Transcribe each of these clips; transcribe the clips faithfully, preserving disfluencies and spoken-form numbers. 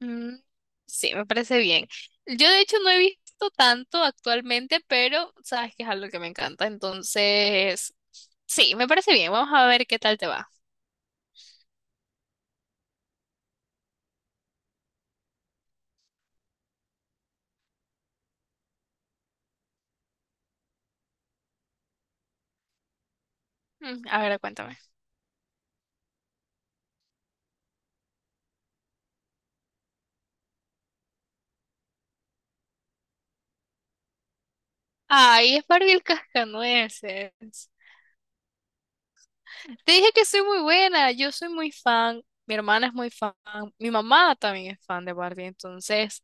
Mm, sí, me parece bien. Yo de hecho no he visto tanto actualmente, pero sabes que es algo que me encanta. Entonces, sí, me parece bien. Vamos a ver qué tal te va. Mm, a ver, cuéntame. Ay, es Barbie el cascanueces. Te dije que soy muy buena, yo soy muy fan, mi hermana es muy fan, mi mamá también es fan de Barbie, entonces...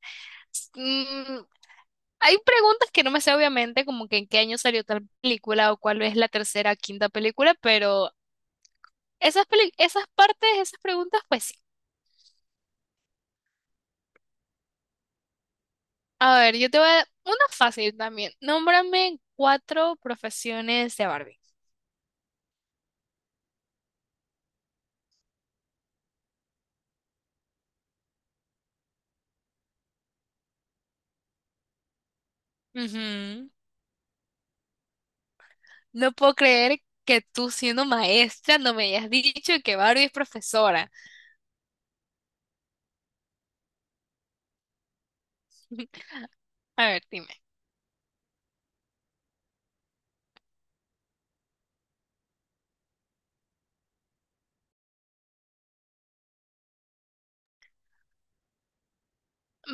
s- Mm, hay preguntas que no me sé obviamente, como que en qué año salió tal película o cuál es la tercera, quinta película, pero esas, peli- esas partes, esas preguntas, pues sí. A ver, yo te voy a dar una fácil también. Nómbrame cuatro profesiones de Barbie. Ujú. No puedo creer que tú siendo maestra no me hayas dicho que Barbie es profesora. A ver, dime.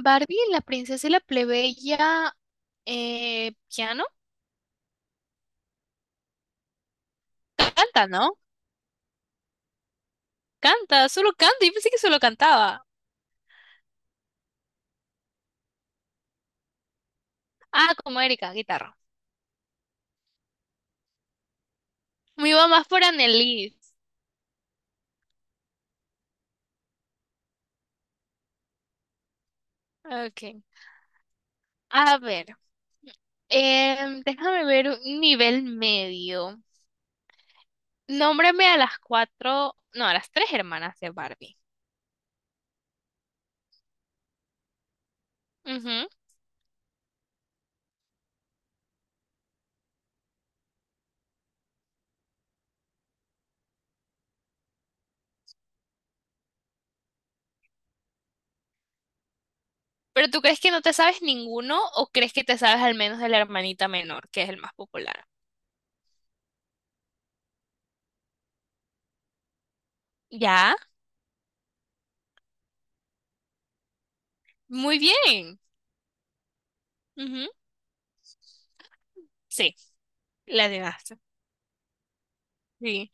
Barbie, la princesa y la plebeya, eh, piano, canta, ¿no? Canta, solo canta. Yo pensé que solo cantaba. Ah, como Erika, guitarra. Me iba más por Annelies. Ok. A ver. Em, déjame ver un nivel medio. Nómbrame a las cuatro, no, a las tres hermanas de Barbie. Ujú. ¿Pero tú crees que no te sabes ninguno o crees que te sabes al menos de la hermanita menor, que es el más popular? Ya, muy bien. Ujú. Sí, la adivinaste. Sí.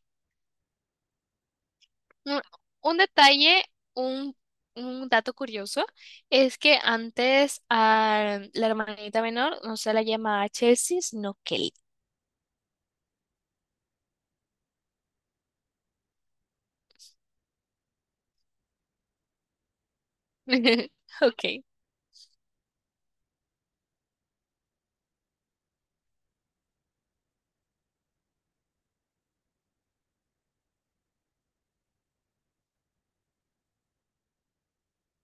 Un, un detalle, un, un dato curioso, es que antes a la hermanita menor no se la llamaba Chelsea, sino Kelly. Ok.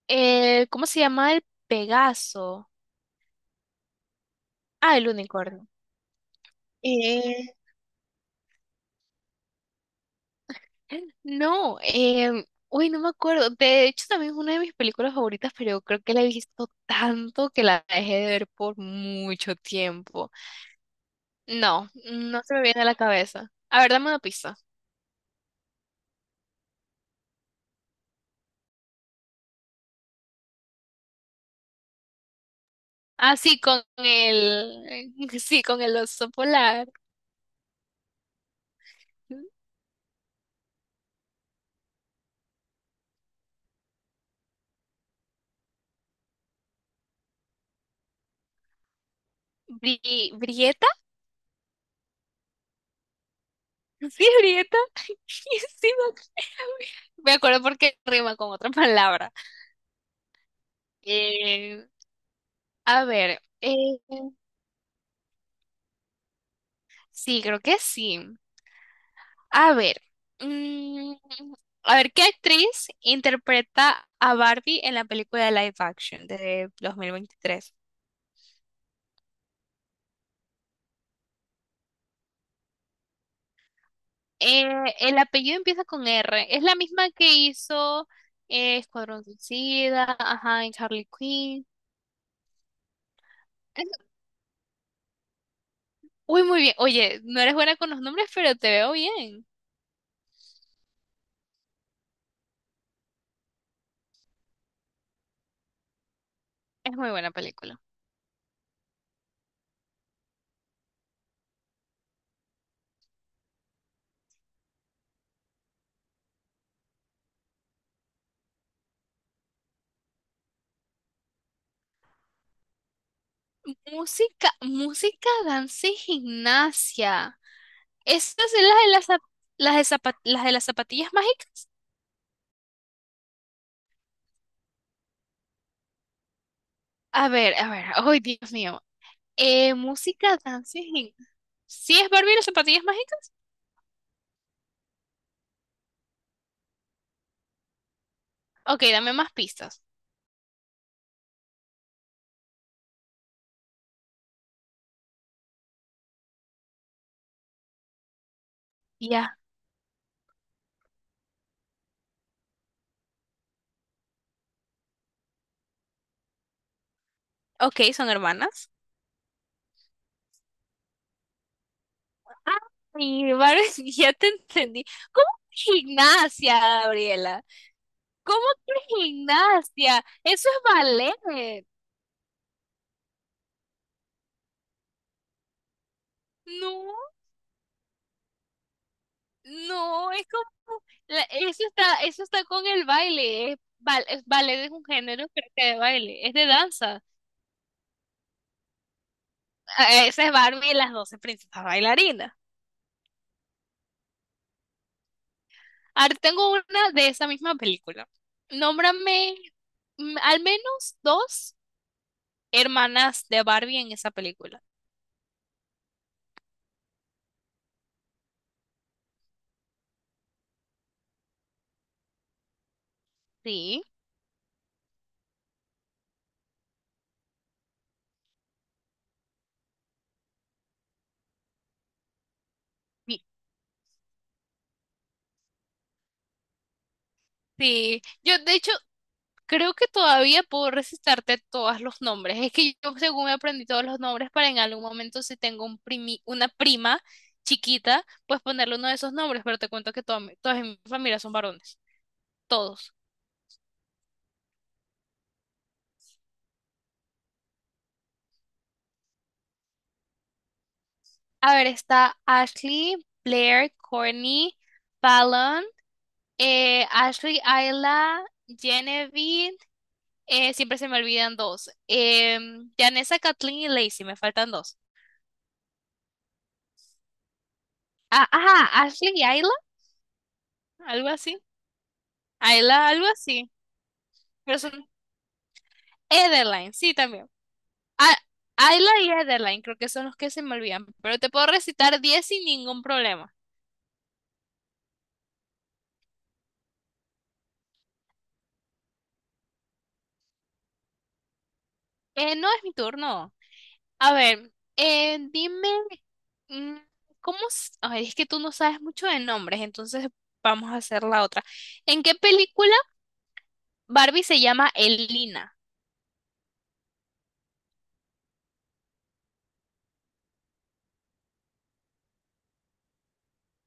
¿Eh, cómo se llama el Pegaso? Ah, el unicornio. Eh, No, em, uy, no me acuerdo. De hecho, también es una de mis películas favoritas, pero yo creo que la he visto tanto que la dejé de ver por mucho tiempo. No, no se me viene a la cabeza. A ver, dame una pista. Ah, sí, con el, sí, con el oso polar. Bri- ¿Brieta? Sí, Brieta. Sí, me ac- me acuerdo porque rima con otra palabra. Eh, a ver, eh, sí, creo que sí. A ver, mm, a ver, ¿qué actriz interpreta a Barbie en la película de live action de dos mil veintitrés? Eh, el apellido empieza con R. Es la misma que hizo eh, Escuadrón Suicida, ajá, en Harley Quinn. Es- Uy, muy bien. Oye, no eres buena con los nombres, pero te veo bien. Es muy buena película. Música, música, danza y gimnasia. ¿Estas son las de las, zap- las, de zapa- las de las zapatillas mágicas? A ver, a ver. Ay, Dios mío. Eh, música, dancing. ¿Sí es Barbie y las zapatillas mágicas? Ok, dame más pistas. Ya. Ok, son hermanas. Ay, Barbie, ya te entendí. ¿Cómo que gimnasia, Gabriela? ¿Cómo que gimnasia? Eso es ballet. No. No, es como, la- eso está, eso está con el baile, es, bal- es ballet, es un género creo que de baile, es de danza. Ah, esa es Barbie y las doce princesas bailarinas. Ahora tengo una de esa misma película. Nómbrame mm, al menos dos hermanas de Barbie en esa película. Sí. Sí, sí. yo de hecho Creo que todavía puedo recitarte todos los nombres. Es que yo, según me aprendí todos los nombres, para en algún momento, si tengo un primi- una prima chiquita, pues ponerle uno de esos nombres. Pero te cuento que toda mi- todas en mi familia son varones. Todos. A ver, está Ashley, Blair, Courtney, Fallon, eh, Ashley, Ayla, Genevieve. Eh, siempre se me olvidan dos. em, Janessa, Kathleen y Lacey. Me faltan dos. Ah, ajá, Ashley y Ayla, algo así. Ayla, algo así. Pero son Ederline, sí, también. A- Ayla y Ederline, creo que son los que se me olvidan, pero te puedo recitar diez sin ningún problema. Eh, no es mi turno. A ver, eh, dime, mm, ¿cómo? s- Ay, es que tú no sabes mucho de nombres, entonces vamos a hacer la otra. ¿En qué película Barbie se llama Elina?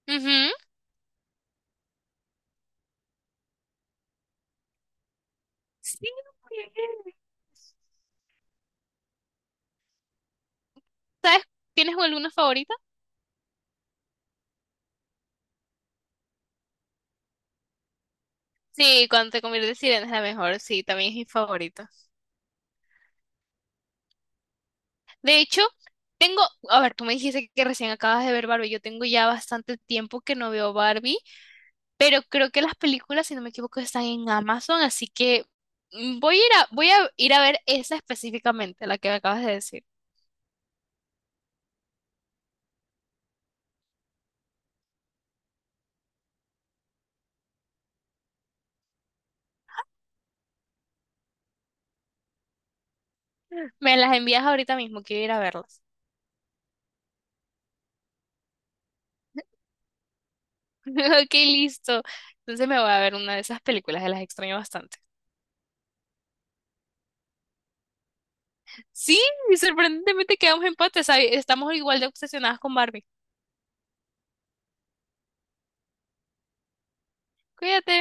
Ujú. Sí, muy bien. ¿Tienes alguna favorita? Sí, cuando te conviertes en sirena es la mejor, sí, también es mi favorita. De hecho, tengo, a ver, tú me dijiste que recién acabas de ver Barbie, yo tengo ya bastante tiempo que no veo Barbie, pero creo que las películas, si no me equivoco, están en Amazon, así que mm, voy a ir a, voy a ir a ver esa específicamente, la que me acabas de decir. Me las envías ahorita mismo, quiero ir a verlas. Ok, listo. Entonces me voy a ver una de esas películas, que las extraño bastante. Sí, y sorprendentemente quedamos en empate, ¿sabes? Estamos igual de obsesionadas con Barbie. Cuídate.